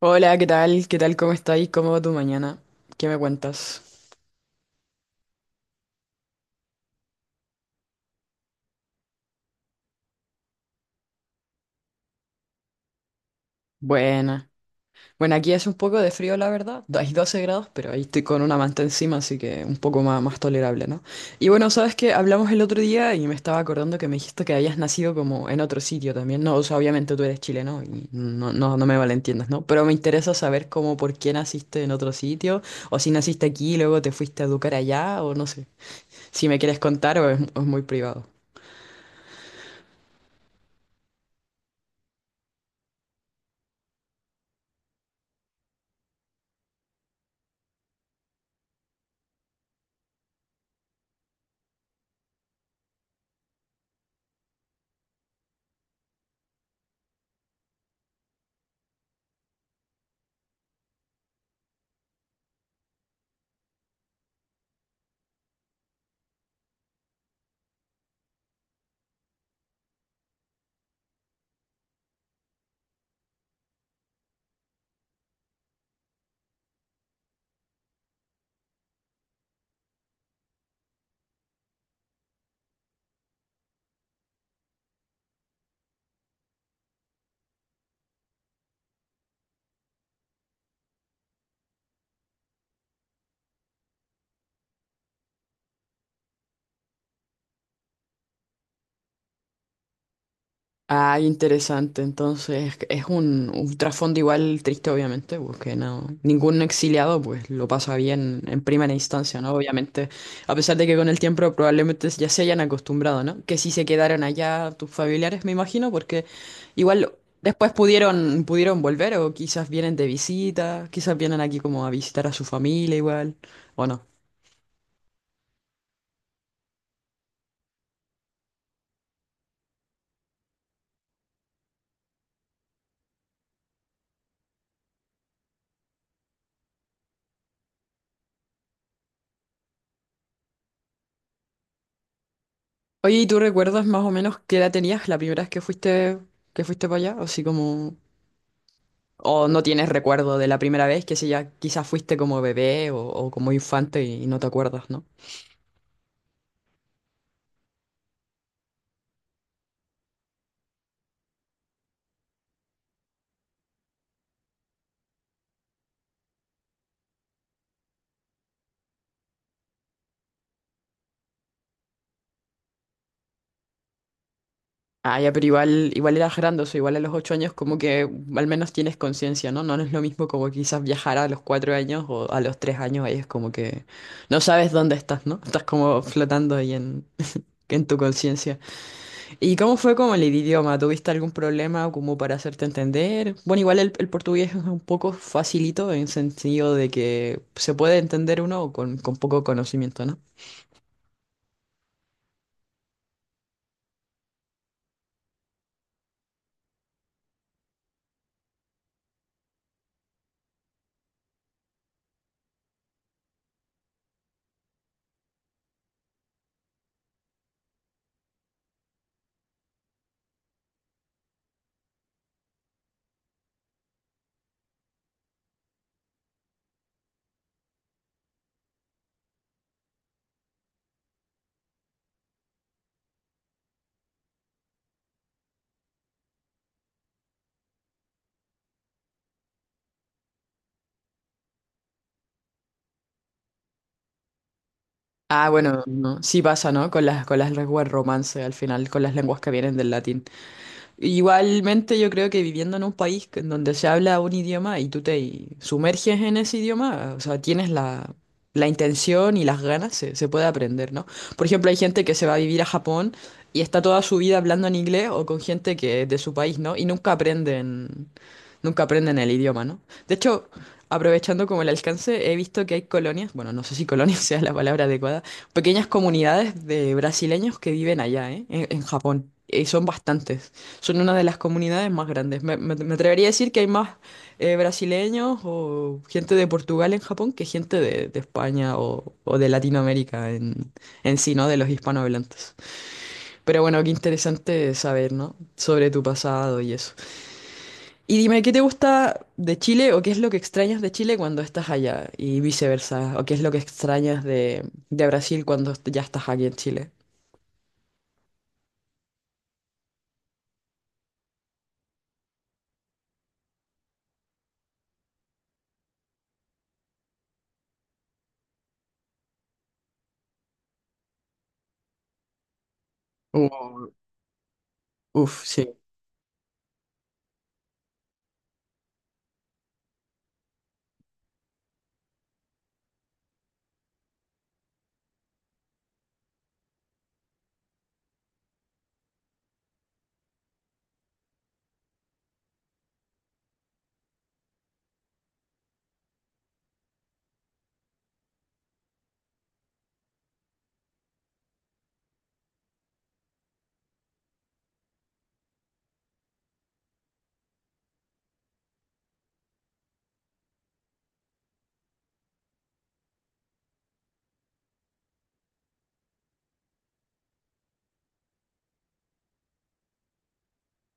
Hola, ¿qué tal? ¿Cómo estáis? ¿Cómo va tu mañana? ¿Qué me cuentas? Buena. Bueno, aquí hace un poco de frío, la verdad. Hay 12 grados, pero ahí estoy con una manta encima, así que un poco más tolerable, ¿no? Y bueno, sabes que hablamos el otro día y me estaba acordando que me dijiste que habías nacido como en otro sitio también, ¿no? O sea, obviamente tú eres chileno y no, no, no me malentiendas, ¿no? Pero me interesa saber cómo, por qué naciste en otro sitio, o si naciste aquí y luego te fuiste a educar allá, o no sé. Si me quieres contar o es muy privado. Ah, interesante. Entonces, es un trasfondo igual triste, obviamente, porque no, ningún exiliado pues lo pasa bien en primera instancia, ¿no? Obviamente, a pesar de que con el tiempo probablemente ya se hayan acostumbrado, ¿no? Que si se quedaron allá tus familiares, me imagino, porque igual después pudieron volver o quizás vienen de visita, quizás vienen aquí como a visitar a su familia igual, o no. Oye, ¿y tú recuerdas más o menos qué edad tenías la primera vez que fuiste para allá? Así como... O no tienes recuerdo de la primera vez, que si ya quizás fuiste como bebé o como infante y no te acuerdas, ¿no? Ah, ya, pero igual eras grandoso, igual a los 8 años como que al menos tienes conciencia, ¿no? No es lo mismo como quizás viajar a los 4 años o a los 3 años, ahí es como que no sabes dónde estás, ¿no? Estás como flotando ahí en tu conciencia. ¿Y cómo fue con el idioma? ¿Tuviste algún problema como para hacerte entender? Bueno, igual el portugués es un poco facilito en sentido de que se puede entender uno con poco conocimiento, ¿no? Ah, bueno, no, sí pasa, ¿no? Con las lenguas romance al final, con las lenguas que vienen del latín. Igualmente yo creo que viviendo en un país que- en donde se habla un idioma y tú te sumerges en ese idioma, o sea, tienes la, la intención y las ganas, se puede aprender, ¿no? Por ejemplo, hay gente que se va a vivir a Japón y está toda su vida hablando en inglés o con gente que es de su país, ¿no? Y nunca aprenden, nunca aprenden el idioma, ¿no? De hecho, aprovechando como el alcance, he visto que hay colonias, bueno, no sé si colonia sea la palabra adecuada, pequeñas comunidades de brasileños que viven allá, ¿eh? En Japón. Y son bastantes. Son una de las comunidades más grandes. Me, me atrevería a decir que hay más brasileños o gente de Portugal en Japón que gente de España o de Latinoamérica en sí, ¿no? De los hispanohablantes. Pero bueno, qué interesante saber, ¿no? Sobre tu pasado y eso. Y dime, ¿qué te gusta de Chile o qué es lo que extrañas de Chile cuando estás allá y viceversa? ¿O qué es lo que extrañas de Brasil cuando ya estás aquí en Chile? Uh, uf, sí.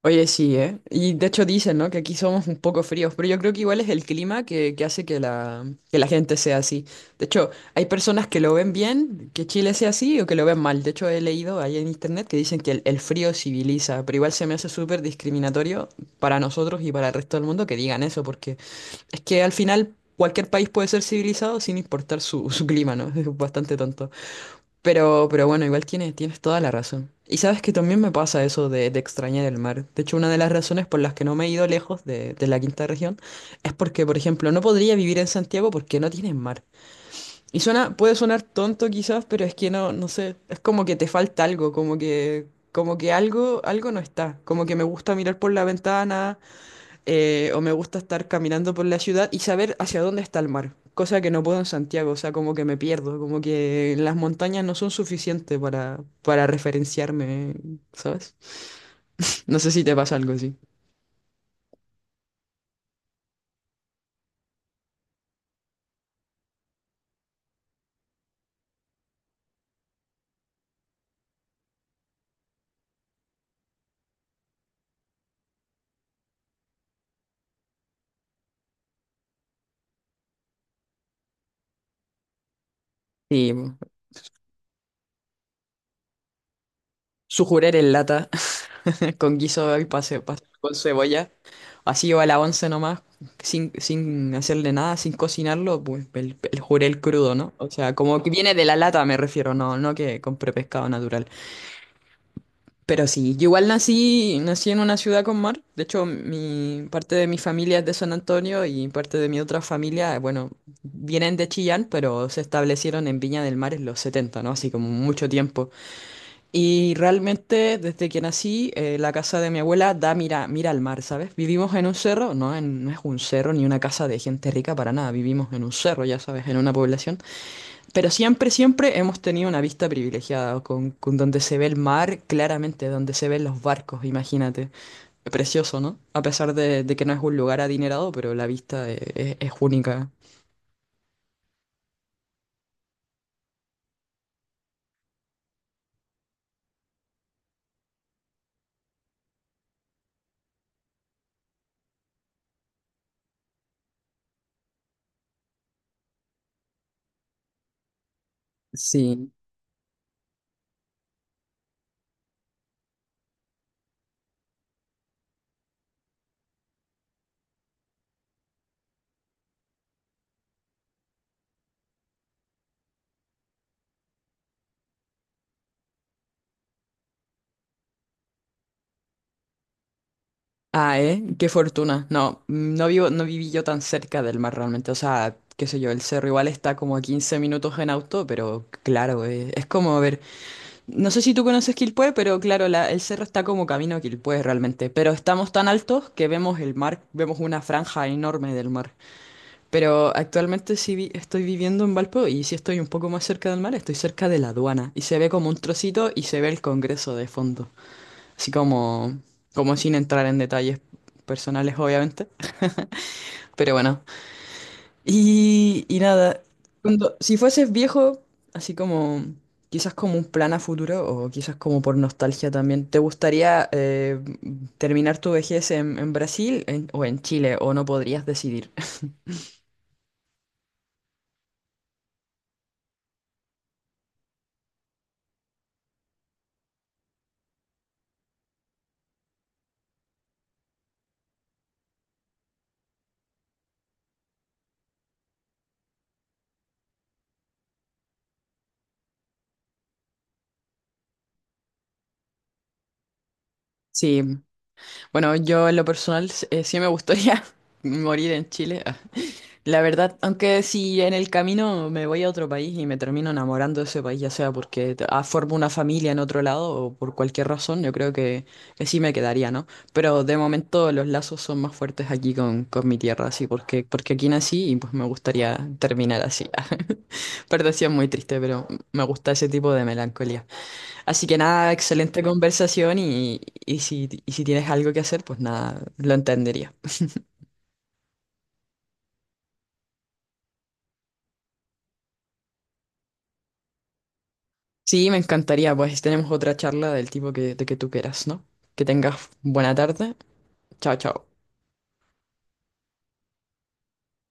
Oye, sí, ¿eh? Y de hecho dicen, ¿no? Que aquí somos un poco fríos, pero yo creo que igual es el clima que hace que la gente sea así. De hecho, hay personas que lo ven bien, que Chile sea así, o que lo ven mal. De hecho, he leído ahí en internet que dicen que el frío civiliza, pero igual se me hace súper discriminatorio para nosotros y para el resto del mundo que digan eso, porque es que al final cualquier país puede ser civilizado sin importar su, su clima, ¿no? Es bastante tonto. Pero bueno, igual tienes, tienes toda la razón. Y sabes que también me pasa eso de extrañar el mar. De hecho, una de las razones por las que no me he ido lejos de la quinta región es porque, por ejemplo, no podría vivir en Santiago porque no tienen mar. Y suena, puede sonar tonto quizás, pero es que no sé, es como que te falta algo, como que algo no está. Como que me gusta mirar por la ventana, o me gusta estar caminando por la ciudad y saber hacia dónde está el mar, cosa que no puedo en Santiago, o sea, como que me pierdo, como que las montañas no son suficientes para referenciarme, ¿sabes? No sé si te pasa algo así. Y sujurer en lata con guiso y pase con cebolla, así o a la once nomás, sin hacerle nada, sin cocinarlo, pues el jurel crudo, ¿no? O sea, como que viene de la lata me refiero, no, no que compré pescado natural. Pero sí, yo igual nací en una ciudad con mar. De hecho, mi parte de mi familia es de San Antonio y parte de mi otra familia, bueno, vienen de Chillán, pero se establecieron en Viña del Mar en los 70, ¿no? Así como mucho tiempo. Y realmente, desde que nací, la casa de mi abuela da mira al mar, ¿sabes? Vivimos en un cerro, no, no es un cerro ni una casa de gente rica para nada. Vivimos en un cerro, ya sabes, en una población. Pero siempre, siempre hemos tenido una vista privilegiada, con donde se ve el mar claramente, donde se ven los barcos, imagínate. Precioso, ¿no? A pesar de que no es un lugar adinerado, pero la vista es, única. Sí. Ah, ¿eh? Qué fortuna. No, no viví yo tan cerca del mar realmente. O sea, qué sé yo, el cerro igual está como a 15 minutos en auto, pero claro, es como ver. No sé si tú conoces Quilpué, pero claro, el cerro está como camino a Quilpué realmente. Pero estamos tan altos que vemos el mar, vemos una franja enorme del mar. Pero actualmente sí estoy viviendo en Valpo y sí estoy un poco más cerca del mar, estoy cerca de la aduana. Y se ve como un trocito y se ve el Congreso de fondo. Así como, como sin entrar en detalles personales, obviamente. Pero bueno, y nada, cuando, si fueses viejo, así como quizás como un plan a futuro o quizás como por nostalgia también, ¿te gustaría terminar tu vejez en Brasil en- o en Chile o no podrías decidir? Sí, bueno, yo en lo personal sí me gustaría morir en Chile. Ah, la verdad, aunque si en el camino me voy a otro país y me termino enamorando de ese país, ya sea porque formo una familia en otro lado o por cualquier razón, yo creo que sí me quedaría, ¿no? Pero de momento los lazos son más fuertes aquí con mi tierra, así, porque, porque aquí nací y pues me gustaría terminar así. Perdón, sí es muy triste, pero me gusta ese tipo de melancolía. Así que nada, excelente conversación y, y si tienes algo que hacer, pues nada, lo entendería. Sí, me encantaría. Pues tenemos otra charla del tipo de que tú quieras, ¿no? Que tengas buena tarde. Chao, chao.